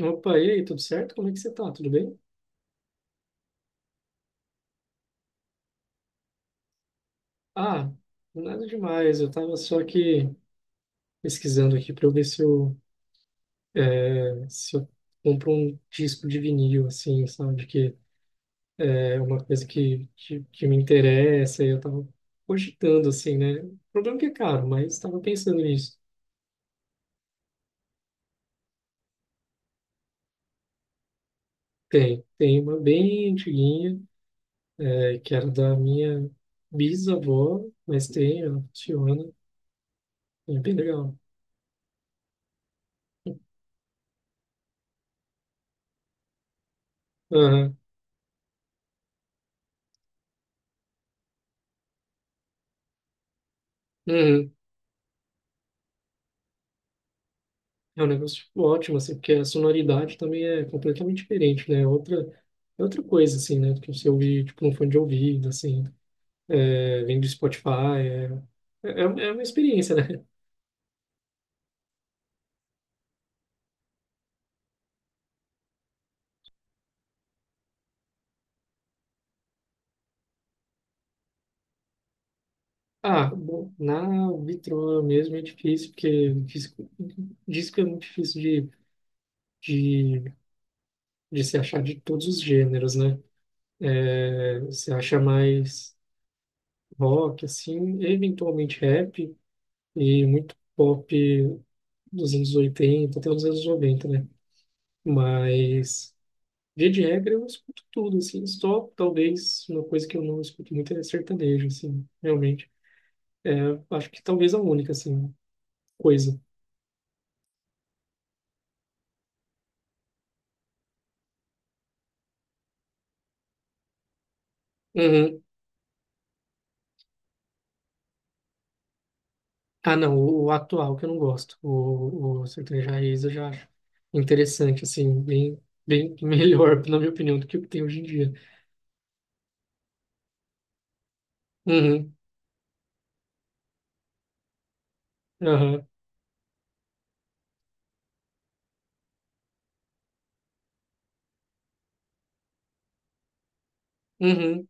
Opa, e aí, tudo certo? Como é que você tá? Tudo bem? Ah, nada demais. Eu tava só aqui pesquisando aqui para eu ver se eu compro um disco de vinil, assim, sabe? Que é uma coisa que me interessa. E eu tava cogitando, assim, né? O problema é que é caro, mas tava pensando nisso. Tem uma bem antiguinha, que era da minha bisavó, mas tem, ela funciona e é bem legal. Aham. Uhum. É um negócio tipo ótimo, assim, porque a sonoridade também é completamente diferente, né? É outra coisa, assim, né? Do que você ouvir, tipo, um fone de ouvido, assim, vem do Spotify, é, é uma experiência, né? Ah, bom, na Vitro mesmo é difícil, porque disco é muito difícil de, de se achar de todos os gêneros, né? É, você acha mais rock, assim, eventualmente rap e muito pop dos anos 80 até os anos 90, né? Mas, via de regra, eu escuto tudo, assim. Só talvez uma coisa que eu não escuto muito é sertanejo, assim, realmente. Acho que talvez a única, assim, coisa. Uhum. Ah, não, o atual que eu não gosto. O sertanejo raiz eu já acho interessante, assim, bem, bem melhor, na minha opinião, do que o que tem hoje em dia. Uhum. Aham. Uhum.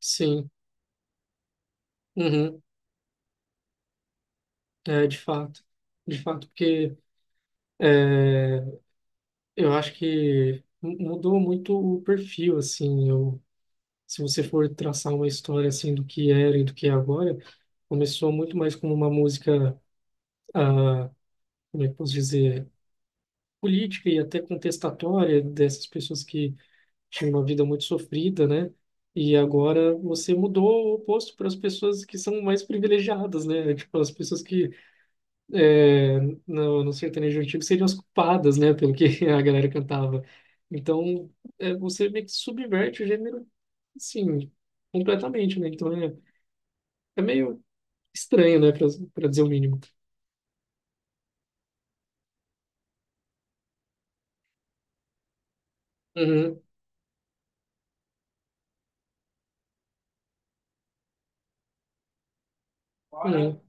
Sim. Uhum. É, de fato. De fato, porque é, eu acho que mudou muito o perfil, assim. Eu Se você for traçar uma história assim do que era e do que é agora, começou muito mais como uma música, ah, como é que eu posso dizer, política e até contestatória, dessas pessoas que tinham uma vida muito sofrida, né? E agora você mudou o oposto para as pessoas que são mais privilegiadas, né? Tipo, as pessoas que, é, no sertanejo antigo, seriam as culpadas, né? Pelo que a galera cantava. Então, você meio que subverte o gênero, sim, completamente, né? Então, É meio estranho, né, pra dizer o mínimo. Uhum. Olha.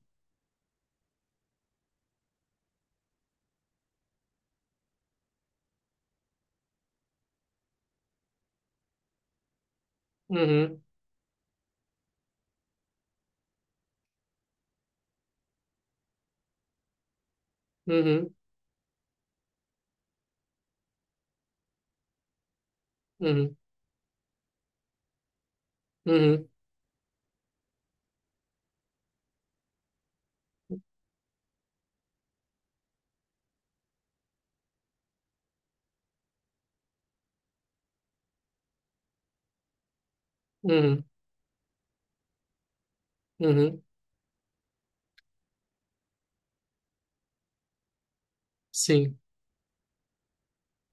Uhum. Uhum. Uhum. Uhum. Uhum. Uhum. Uhum. Sim.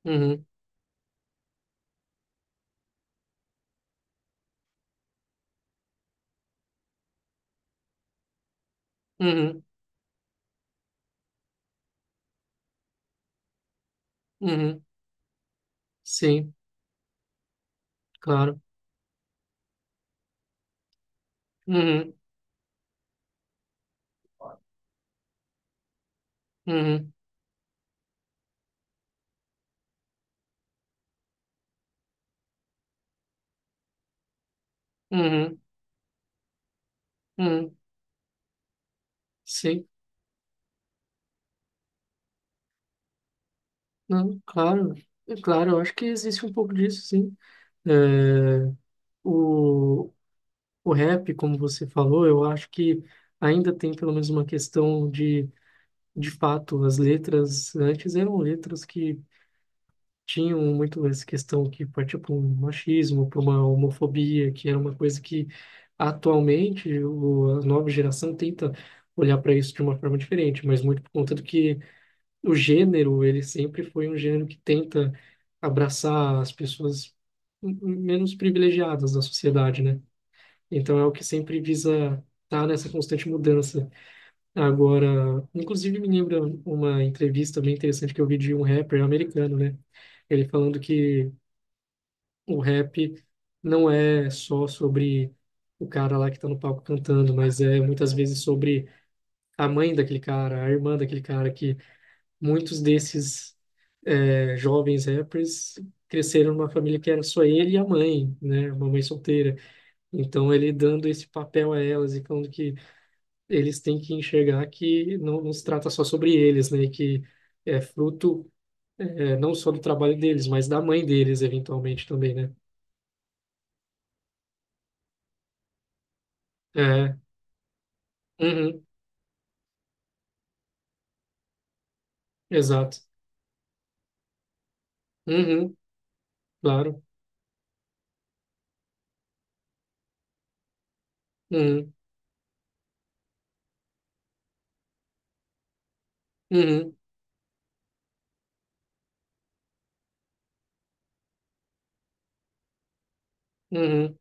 Uhum. Uhum. Uhum. Sim. Claro. Uhum. Uhum. Uhum. Uhum. Sim. Não, claro, é claro, eu acho que existe um pouco disso, sim. É, o, o rap, como você falou, eu acho que ainda tem pelo menos uma questão de fato, as letras antes eram letras que tinham muito essa questão, que partia para um machismo, para uma homofobia, que era uma coisa que atualmente a nova geração tenta olhar para isso de uma forma diferente, mas muito por conta do que o gênero, ele sempre foi um gênero que tenta abraçar as pessoas menos privilegiadas da sociedade, né? Então é o que sempre visa estar nessa constante mudança. Agora, inclusive, me lembra uma entrevista bem interessante que eu vi de um rapper americano, né? Ele falando que o rap não é só sobre o cara lá que tá no palco cantando, mas é muitas vezes sobre a mãe daquele cara, a irmã daquele cara, que muitos desses, jovens rappers, cresceram numa família que era só ele e a mãe, né? Uma mãe solteira. Então ele dando esse papel a elas e falando que eles têm que enxergar que não, não se trata só sobre eles, né? E que é fruto, não só do trabalho deles, mas da mãe deles, eventualmente também, né? É, uhum. Exato. Uhum, claro. Uhum. Uhum. Uhum.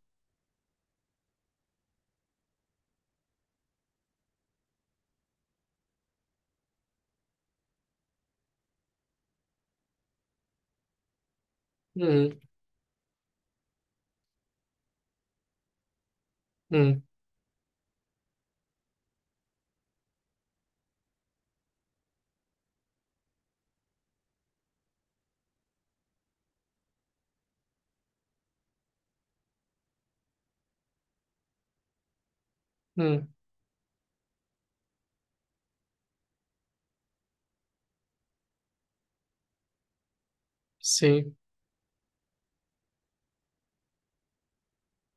Uhum. Uhum. Uhum. Sim.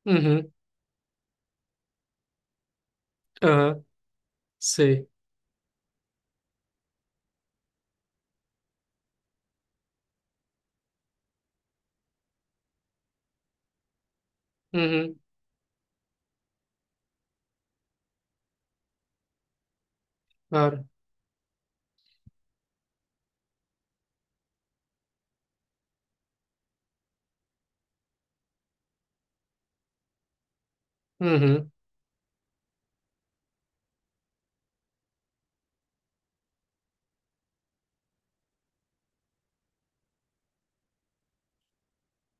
Uhum, aham, sei. Uhum, claro. Uhum.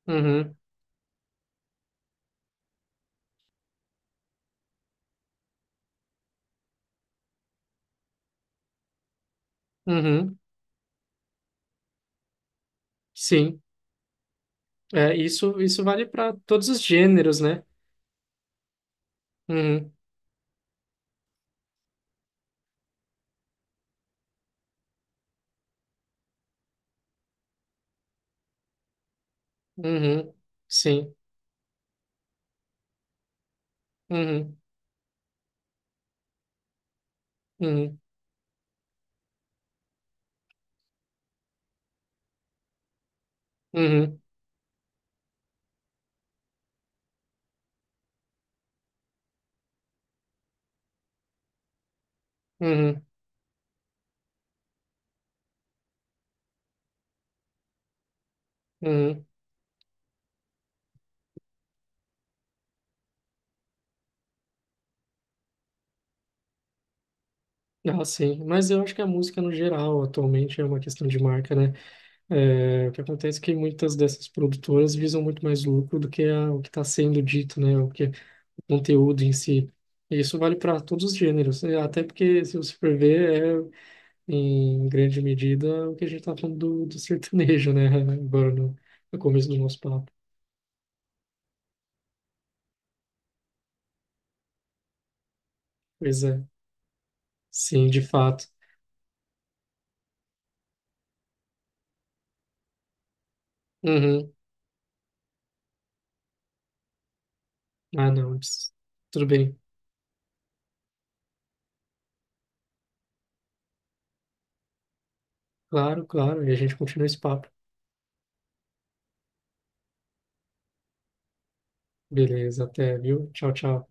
Uhum. Uhum. Sim. É, isso vale para todos os gêneros, né? Uhum. Uhum. Sim. Uhum. Uhum. Uhum. Uhum. Uhum. Ah, sim. Mas eu acho que a música no geral atualmente é uma questão de marca, né? É, o que acontece é que muitas dessas produtoras visam muito mais lucro do que o que está sendo dito, né? O que é o conteúdo em si. E isso vale para todos os gêneros, né? Até porque, se você for ver, é em grande medida o que a gente está falando do sertanejo, né? Agora no começo do nosso papo. Pois é, sim, de fato. Uhum. Ah, não. Tudo bem. Claro, claro. E a gente continua esse papo. Beleza, até, viu? Tchau, tchau.